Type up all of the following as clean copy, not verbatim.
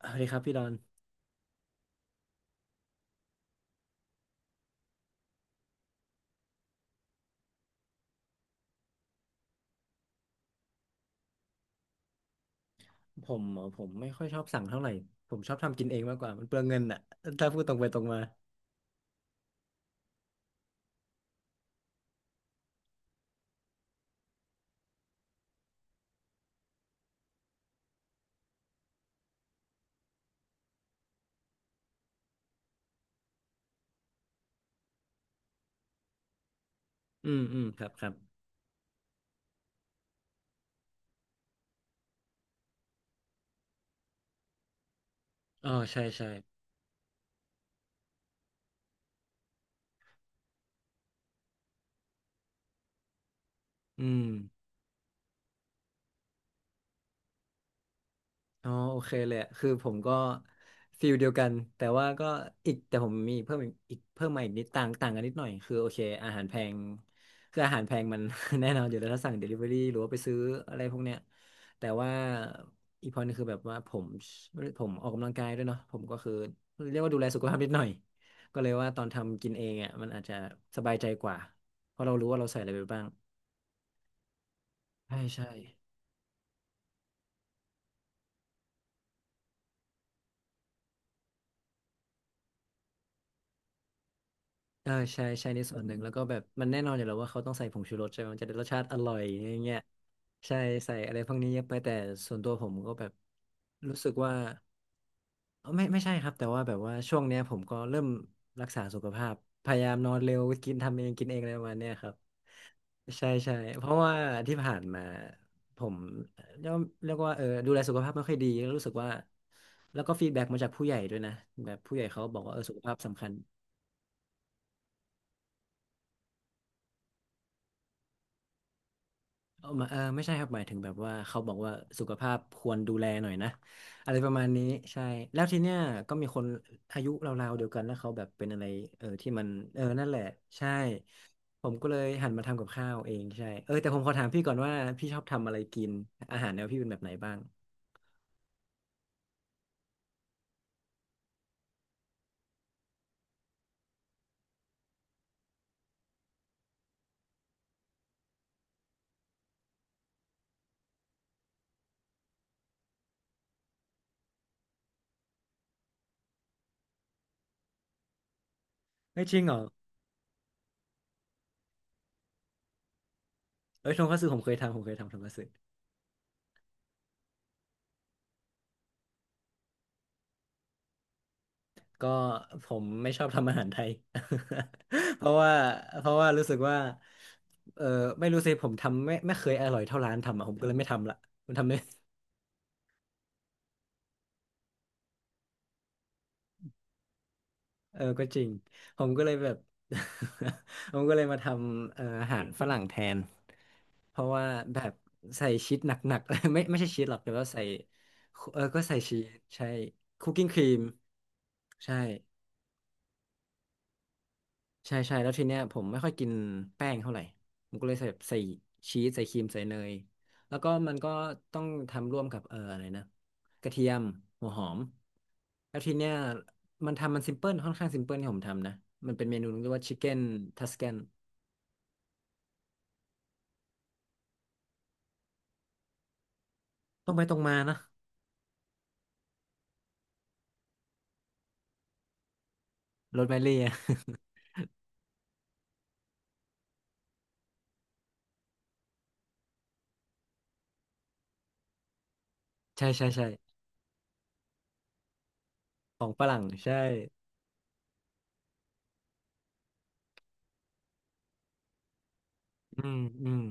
สวัสดีครับพี่ดอน ผมเหรอผมไม่ค่อยชอบสั่งเท่าไหร่ ผมชอบทำกินเองมากกว่ามันเปลืองเงินอ่ะถ้าพูดตรงไปตรงมาอืมอืมครับครับอ๋อใช่ใช่อืม อ๋อโอเคเลยอะคือผมก็ฟิลเดียวกันแต่ว่าก็อีกแต่ผมมีเพิ่มอีกเพิ่มมาอีกนิดต่างต่างกันนิดหน่อยคือโอเคอาหารแพงคืออาหารแพงมัน แน่นอนอยู่แล้วถ้าสั่ง Delivery หรือว่าไปซื้ออะไรพวกเนี้ยแต่ว่าอีกพอนึงคือแบบว่าผมออกกำลังกายด้วยเนาะผมก็คือเรียกว่าดูแลสุขภาพนิดหน่อยก็เลยว่าตอนทำกินเองอ่ะมันอาจจะสบายใจกว่าเพราะเรารู้ว่าเราใส่อะไรไปบ้างใช่ใช่ เออใช่ใช่ในส่วนหนึ่งแล้วก็แบบมันแน่นอนอยู่แล้วว่าเขาต้องใส่ผงชูรสใช่ไหมมันจะได้รสชาติอร่อยอย่างเงี้ยใช่ใส่อะไรพวกนี้เยอะไปแต่ส่วนตัวผมก็แบบรู้สึกว่าเอ้อไม่ใช่ครับแต่ว่าแบบว่าช่วงเนี้ยผมก็เริ่มรักษาสุขภาพพยายามนอนเร็วกินทำเองกินเองอะไรประมาณเนี้ยครับใช่ใช่เพราะว่าที่ผ่านมาผมเรียกว่าเรียกว่าดูแลสุขภาพไม่ค่อยดีแล้วรู้สึกว่าแล้วก็ฟีดแบ็กมาจากผู้ใหญ่ด้วยนะแบบผู้ใหญ่เขาบอกว่าเออสุขภาพสำคัญ เออมาเออไม่ใช่ครับหมายถึงแบบว่าเขาบอกว่าสุขภาพควรดูแลหน่อยนะอะไรประมาณนี้ใช่แล้วทีเนี้ยก็มีคนอายุราวๆเดียวกันแล้วเขาแบบเป็นอะไรที่มันนั่นแหละใช่ผมก็เลยหันมาทำกับข้าวเองใช่เออแต่ผมขอถามพี่ก่อนว่าพี่ชอบทำอะไรกินอาหารแนวพี่เป็นแบบไหนบ้างเฮ้ยจริงเหรอเอ้ยทงคัตสึผมเคยทำทงคัตสึ ก็ผมไม่ชอบทำอาหารไทย เพราะว่ารู้สึกว่าเออไม่รู้สิผมทำไม่เคยอร่อยเท่าร้านทำอ่ะผมก็เลยไม่ทำละผมทำไม่เออก็จริงผมก็เลยแบบ ผมก็เลยมาทำอาหารฝรั่งแทนเพราะว่าแบบใส่ชีสหนักๆ ไม่ใช่ชีสหรอกแต่ว่าใส่เออก็ใส่ชีสใช่คุกกิ้งครีมใช่ ใช่ใช่แล้วทีเนี้ยผมไม่ค่อยกินแป้งเท่าไหร่ผมก็เลยใส่ชีสใส่ครีมใส่เนยแล้วก็มันก็ต้องทำร่วมกับอะไรนะกระเทียมหัวหอมแล้วทีเนี้ยมันซิมเพิลค่อนข้างซิมเพิลที่ผมทำนะมันเป็นเมนูเรียกว่าชิคเก้นทัส a กนต้องไปตรงมานะโรสแมรี่อะ ใช่ใช่ของฝรั่งใช่อืมอืม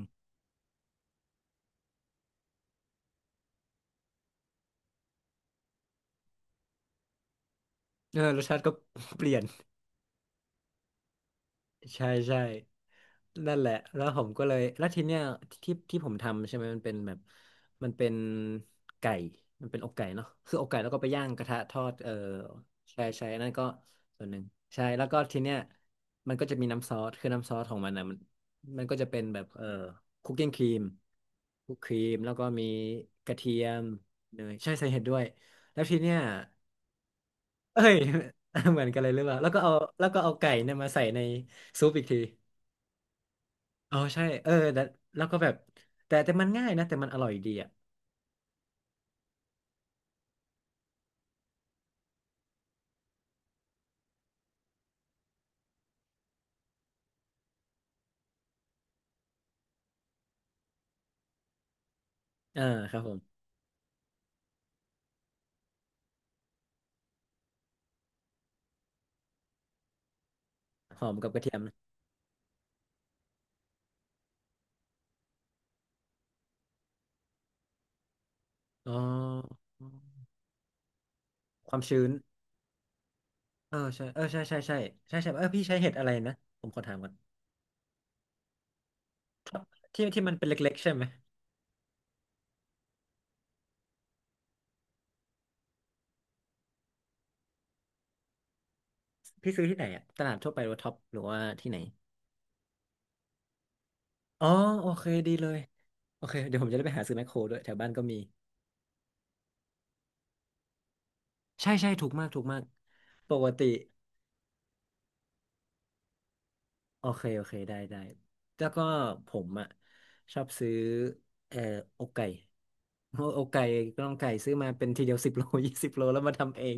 เออรสชาติก็ เปลี่ยน ใช่ใช่ นั่นแหละ แล้วผมก็เลยแล้วทีเนี้ยที่ที่ผมทำใช่ไหมมันเป็นแบบมันเป็นไก่มันเป็นอกไก่เนาะคืออกไก่แล้วก็ไปย่างกระทะทอดเออใช่ใช่นั่นก็ส่วนหนึ่งใช่แล้วก็ทีเนี้ยมันก็จะมีน้ำซอสคือน้ำซอสของมันอ่ะมันก็จะเป็นแบบคุกกิ้งครีมคุกครีมแล้วก็มีกระเทียมเนยใช่ใส่เห็ดด้วยแล้วทีเนี้ยเอ้ย เหมือนกันเลยหรือเปล่าแล้วก็เอาไก่เนี่ยมาใส่ในซุปอีกที อ๋อใช่เออแต่แล้วก็แบบแต่มันง่ายนะแต่มันอร่อยดีอ่ะเออครับผมหอมกับกระเทียมนะอ๋อความชื้นเออใช่เออใช่ใช่ใช่เออพี่ใช้เห็ดอะไรนะผมขอถามก่อนทอปที่ที่มันเป็นเล็กๆใช่ไหมพี่ซื้อที่ไหนอ่ะตลาดทั่วไปหรือว่าท็อปหรือว่าที่ไหนอ๋อโอเคดีเลยโอเคเดี๋ยวผมจะได้ไปหาซื้อแมคโครด้วยแถวบ้านก็มีใช่ใช่ถูกมากปกติ โอเคได้แล้วก็ผมอ่ะชอบซื้อเอ่อกไก่ โออกไก่ก็ต้องไก่ซื้อมาเป็นทีเดียวสิบโล 20 โลแล้วมาทำเอง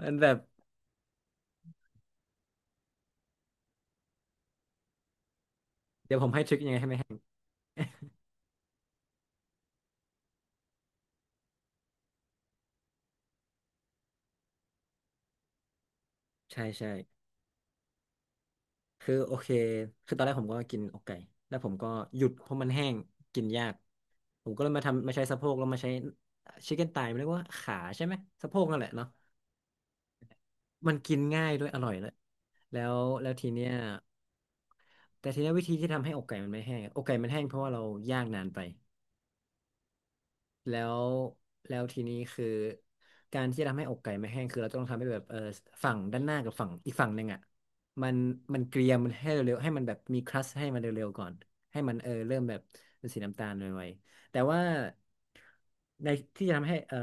มันแบบเดี๋ยวผมให้ทริคยังไงให้ไหมแห้งใช่ใช่คือโอเคคือตอนแรกผมก็กินอกไก่แล้วผมก็หยุดเพราะมันแห้งกินยากผมก็เลยมาทำมาใช้สะโพกแล้วมาใช้ชิคเก้นไตมันเรียกว่าขาใช่ไหมสะโพกนั่นแหละเนาะมันกินง่ายด้วยอร่อยเลยแล้วแล้วทีเนี้ย แต่ทีนี้วิธีที่ทำให้อกไก่มันไม่แห้งอะอกไก่มันแห้งเพราะว่าเราย่างนานไป แล้วแล้วทีนี้คือการที่จะทำให้อกไก่ไม่แห้งคือเราต้องทำให้แบบฝั่งด้านหน้ากับฝั่งอีกฝั่งหนึ่งอ่ะมันมันเกรียมมันให้เร็วๆให้มันแบบมีครัสให้มันเร็วๆก่อนให้มันเริ่มแบบเป็นสีน้ำตาลไวๆแต่ว่าในที่จะทำให้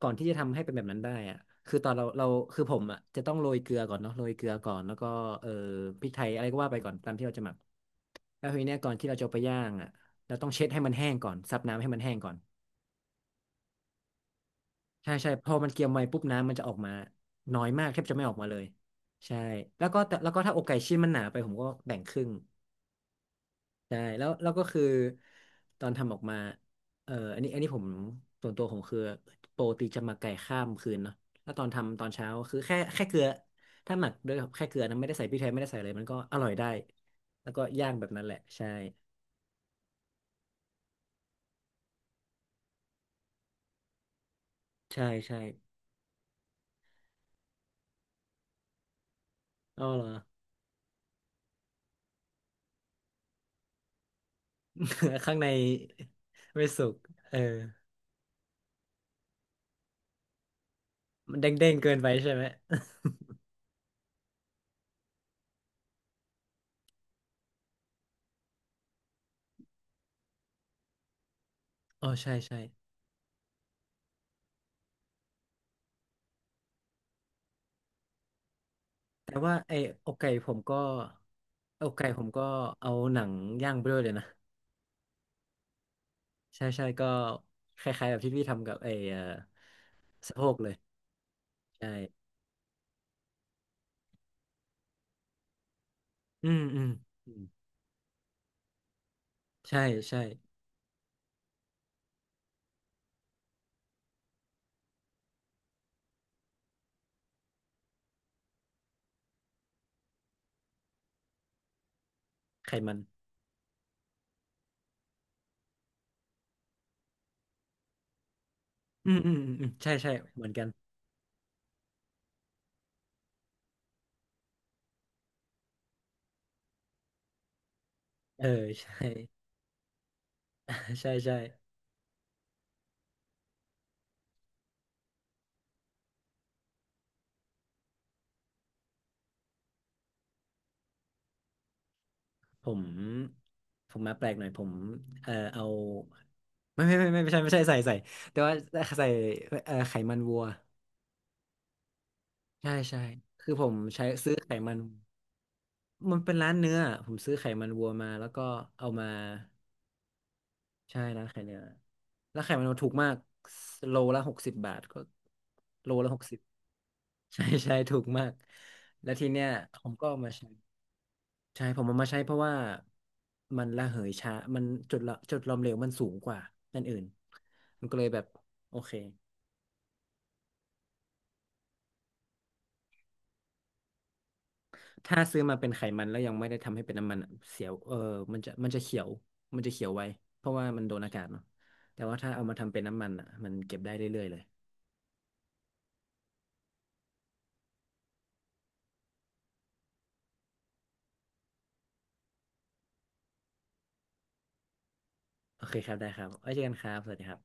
ก่อนที่จะทำให้เป็นแบบนั้นได้อ่ะคือตอนเราคือผมอ่ะจะต้องโรยเกลือก่อนเนาะโรยเกลือก่อนแล้วก็เออพริกไทยอะไรก็ว่าไปก่อนตามที่เราจะหมักแล้วทีเนี้ยก่อนที่เราจะเอาไปย่างอ่ะเราต้องเช็ดให้มันแห้งก่อนซับน้ำให้มันแห้งก่อน ใช่ใช่พอมันเกียมไวปุ๊บน้ำมันจะออกมาน้อยมากแทบจะไม่ออกมาเลยใช่แล้วก็แต่แล้วก็ถ้าอกไก่ชิ้นมันหนาไปผมก็แบ่งครึ่งใช่แล้วแล้วก็คือตอนทำออกมาอันนี้อันนี้ผมส่วนตัวผมคือโปรตีจะหมักไก่ข้ามคืนเนาะแล้วตอนทำตอนเช้าคือแค่เกลือถ้าหมักด้วยแค่เกลือนะไม่ได้ใส่พริกไทยไม่ได้ใส่อะไรมันก็อร่อยได้แล้วก็ย่างแบบนั้นแหละใช่ใช่ใช่อ๋อเหรอ ข้างในไม่สุกเออมันเด้งๆเกินไปใช่ไหม อ๋อใช่ใช่แต่ว่าไอ้อกไก่ผมก็อกไก่ผมก็เอาหนังย่างไปด้วยเลยนะใช่ใช่ก็คล้ายๆแบบที่พี่ทำกับไอ้สะโพกเลยใช่อืมอืมอืมใช่ใช่ไขมันอืมอืมอืมอืมใช่ใช่เหมือนกันเออใช่ ใช่ใช่ผมผมมาแปลกหน่อยผมเอาไม่ไม่ไม่ไม่ไม่ใช่ไม่ใช่ใส่ใส่แต่ว่าใส่ไขมันวัวใช่ใช่คือผมใช้ซื้อไขมัน มันเป็นร้านเนื้อผมซื้อไขมันวัวมาแล้วก็เอามาใช่ร้านไข่เนื้อแล้วไข่มันวัวถูกมากโลละ60 บาทก็โลละหกสิบ ใช่ใช่ถูกมากแล้วทีเนี้ยผมก็เอามาใช้ใช่ผมเอามาใช้เพราะว่ามันระเหยช้ามันจุดหลอมเหลวมันสูงกว่านั่นอื่นมันก็เลยแบบโอเค ถ้าซื้อมาเป็นไขมันแล้วยังไม่ได้ทำให้เป็นน้ำมันอะเสียวมันจะเขียวมันจะเขียวไว้เพราะว่ามันโดนอากาศเนาะแต่ว่าถ้าเอามาทำเป็นน้ำมันอ่ะมันเก็บได้เรื่อยๆเลยโอเคครับได้ครับไว้เจอกันครับสวัสดีครับ